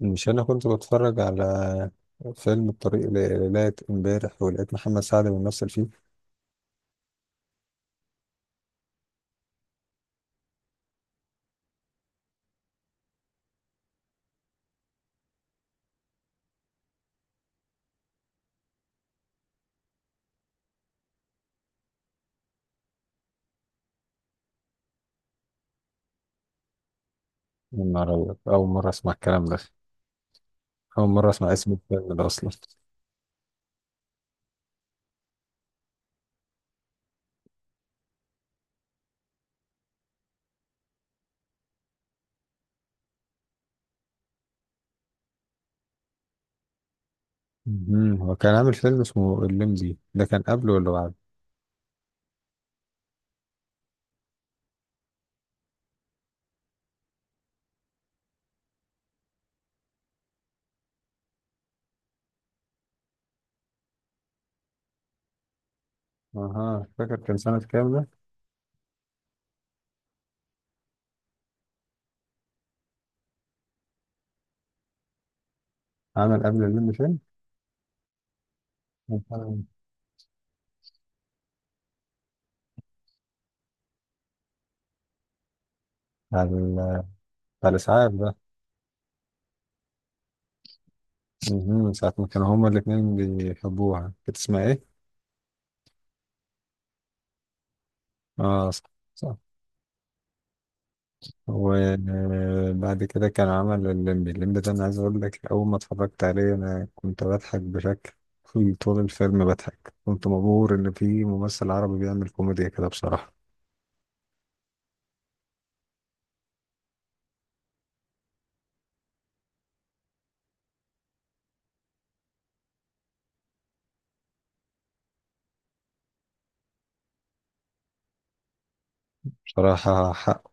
مش انا كنت بتفرج على فيلم الطريق لغاية امبارح ولقيت محمد سعد بيمثل فيه. من مرة اول مرة اسمع الكلام ده. اول مرة اسمع اسم الفيلم ده اصلا. مهم. هو كان عامل فيلم اسمه الليمبي، ده كان قبله ولا بعد؟ اها، فاكر كان سنة كام ده؟ عمل قبل الليمبي فيلم؟ كان سنة- بتاع ال- بتاع الاسعاف ده. مهم. من ساعة ما كانوا هما الاتنين بيحبوها، كانت اسمها ايه؟ اه صح. صح. وبعد كده كان عمل الليمبي. الليمبي ده انا عايز اقول لك، اول ما اتفرجت عليه انا كنت بضحك بشكل طول الفيلم بضحك. كنت مبهور ان في ممثل عربي بيعمل كوميديا كده بصراحة. بصراحة حقه،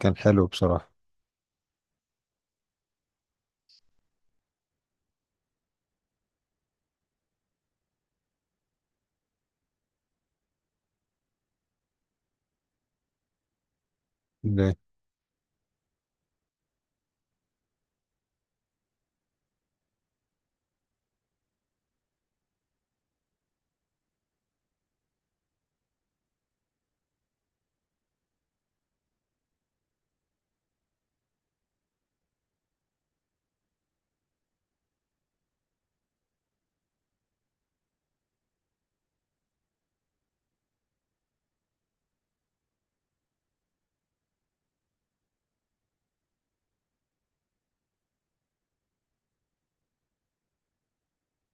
كان حلو بصراحة. ليه؟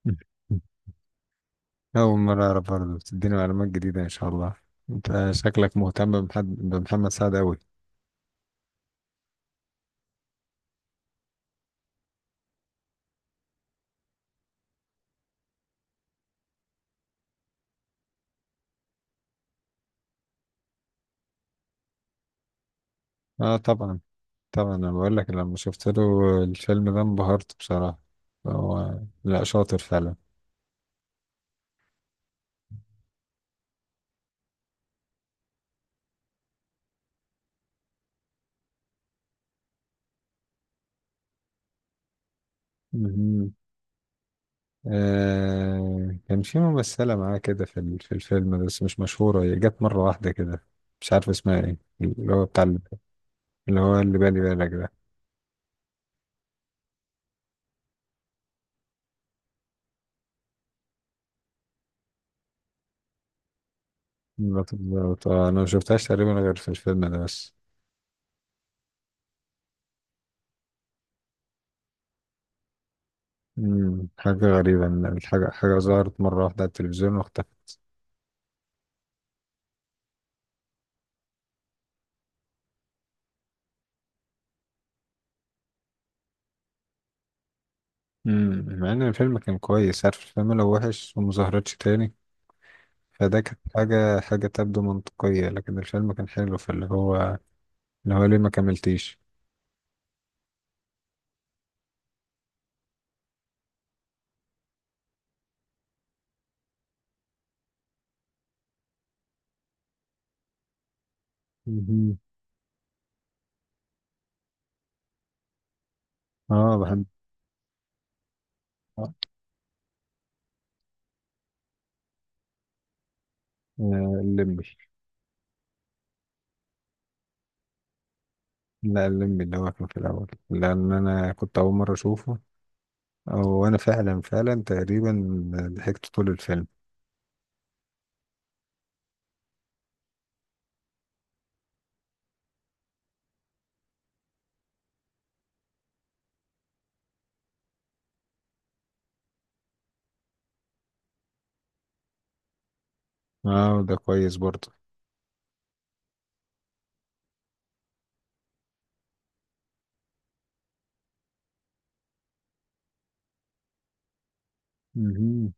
اول مرة اعرف برضه. بتديني معلومات جديدة ان شاء الله. انت شكلك مهتم بمحمد سعد اوي. اه طبعا طبعا انا بقول لك لما شفت له الفيلم ده انبهرت بصراحة هو لا شاطر فعلا آه كان في ممثلة معاه كده في ال- في الفيلم بس مش مشهورة هي جت مرة واحدة كده مش عارف اسمها ايه اللي هو بتاع ال- اللي هو اللي بالي بالك ده بط- بط- انا ما شفتهاش تقريبا غير في الفيلم ده بس مم. حاجة غريبة ان الحاجة حاجة ظهرت مرة واحدة على التلفزيون واختفت مم. مع ان الفيلم كان كويس عارف الفيلم لو وحش وما ظهرتش تاني فده كانت حاجة حاجة تبدو منطقية لكن الفيلم كان حلو فاللي هو اللي هو ليه ما كملتيش مهم. اه بحب. آه. آه، الليمبي. لا الليمبي اللي هو كان في الأول، لأن أنا كنت أول مرة أشوفه. أو أنا فعلا، فعلا تقريبا ضحكت طول الفيلم. اه ده كويس برضه. مهم.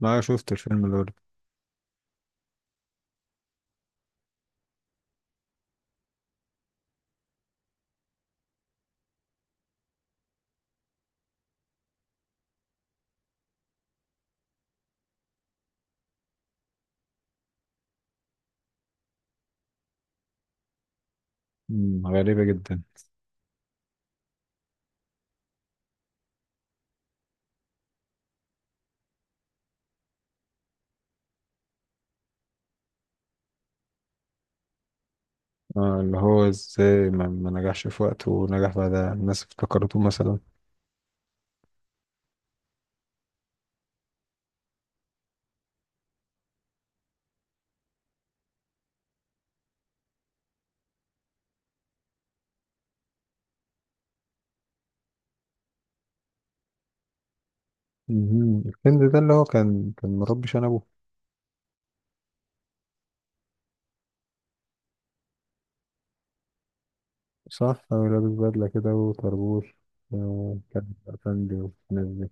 ما شفت الفيلم ده برضه. مم، غريبة جدا. اه، اللي هو ازاي ما نجحش في وقته ونجح بعدها الناس افتكرته مثلا. مهم. الفيلم ده اللي هو كان مربي شنبه. صح، هو لابس بدلة كده وطربوش. آه، كان أفندي والناس دي.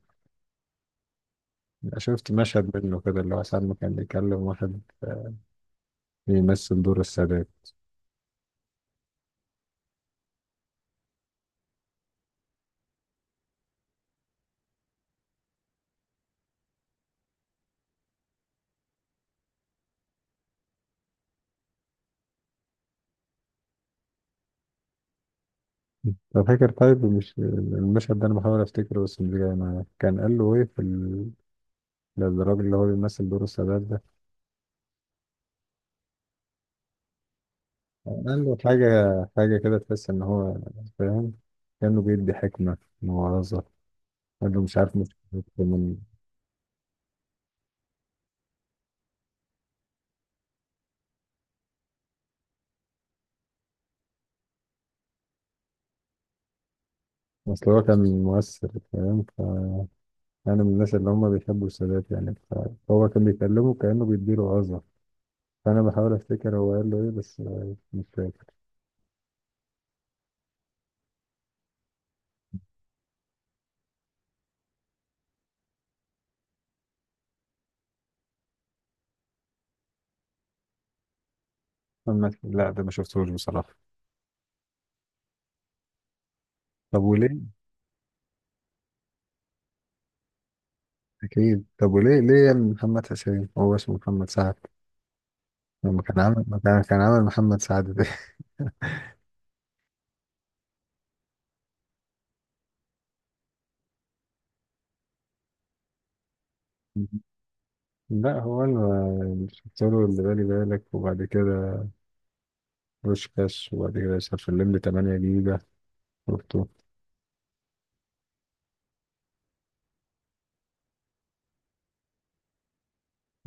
شفت مشهد منه كده، اللي هو ساعة ما كان بيكلم واحد بيمثل دور السادات. أنا فاكر. طيب مش المشهد ده أنا بحاول أفتكره، بس مش جاي معايا كان قال له إيه في ال... للراجل اللي هو بيمثل دور السادات ده. قال له حاجة، حاجة كده تحس إن هو فاهم، كأنه بيدي حكمة، موعظة. قال له مش عارف، مش من. أصل هو كان مؤثر فاهم. فأنا من الناس اللي هم بيحبوا السادات يعني. فهو كان بيكلمه كأنه بيديله وعظة. فأنا بحاول أفتكر هو قال له إيه، بس مش فاكر. محمد، لا ده ما شفتهوش بصراحة. طب وليه؟ أكيد. طب وليه ليه يا ابن محمد حسين هو اسمه محمد سعد لما كان عامل ما كان عامل محمد سعد ده. لا هو اللي شفت له اللي بالي بالك، وبعد كده بوشكاش، وبعد كده شاف اللمبي 8 جيجا شفته.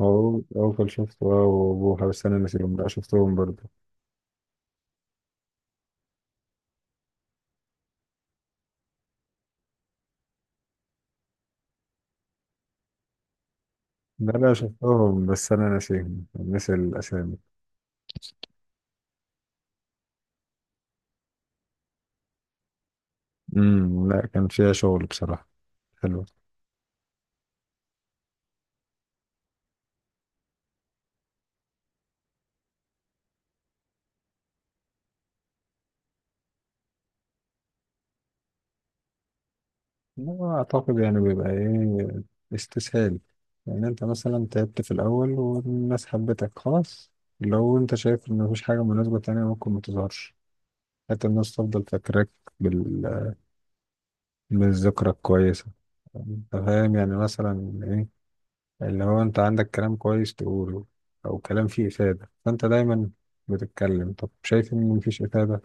أو أول شفته أه وأبوها، بس أنا ناسيهم. لا شفتهم برضه. لا شفتهم، بس أنا ناسيهم، ناسي الأسامي. امم، لا كان فيها شغل بصراحة حلو. لا، أعتقد يعني بيبقى إيه، استسهال. يعني أنت مثلا تعبت في الأول والناس حبتك خلاص. لو أنت شايف إن مفيش حاجة مناسبة تانية ممكن متظهرش، حتى الناس تفضل فاكراك بال... بالذكرى الكويسة. أنت فاهم يعني مثلا إيه، اللي هو أنت عندك كلام كويس تقوله، أو كلام فيه إفادة، فأنت دايما بتتكلم. طب شايف إن مفيش إفادة،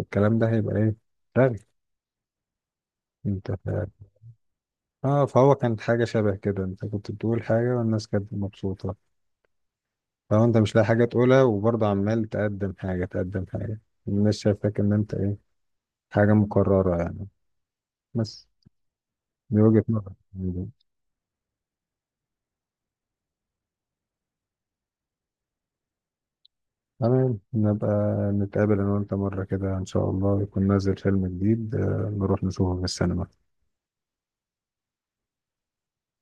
الكلام ده هيبقى إيه؟ رغي. أنت. اه فهو كانت حاجة شبه كده، انت كنت بتقول حاجة والناس كانت مبسوطة. لو انت مش لاقي حاجة تقولها وبرضه عمال تقدم حاجة، الناس شايفاك ان انت ايه، حاجة مكررة يعني. بس دي وجهة نظر. تمام، نبقى نتقابل انا وانت مرة كده ان شاء الله يكون نازل فيلم جديد نروح نشوفه في السينما.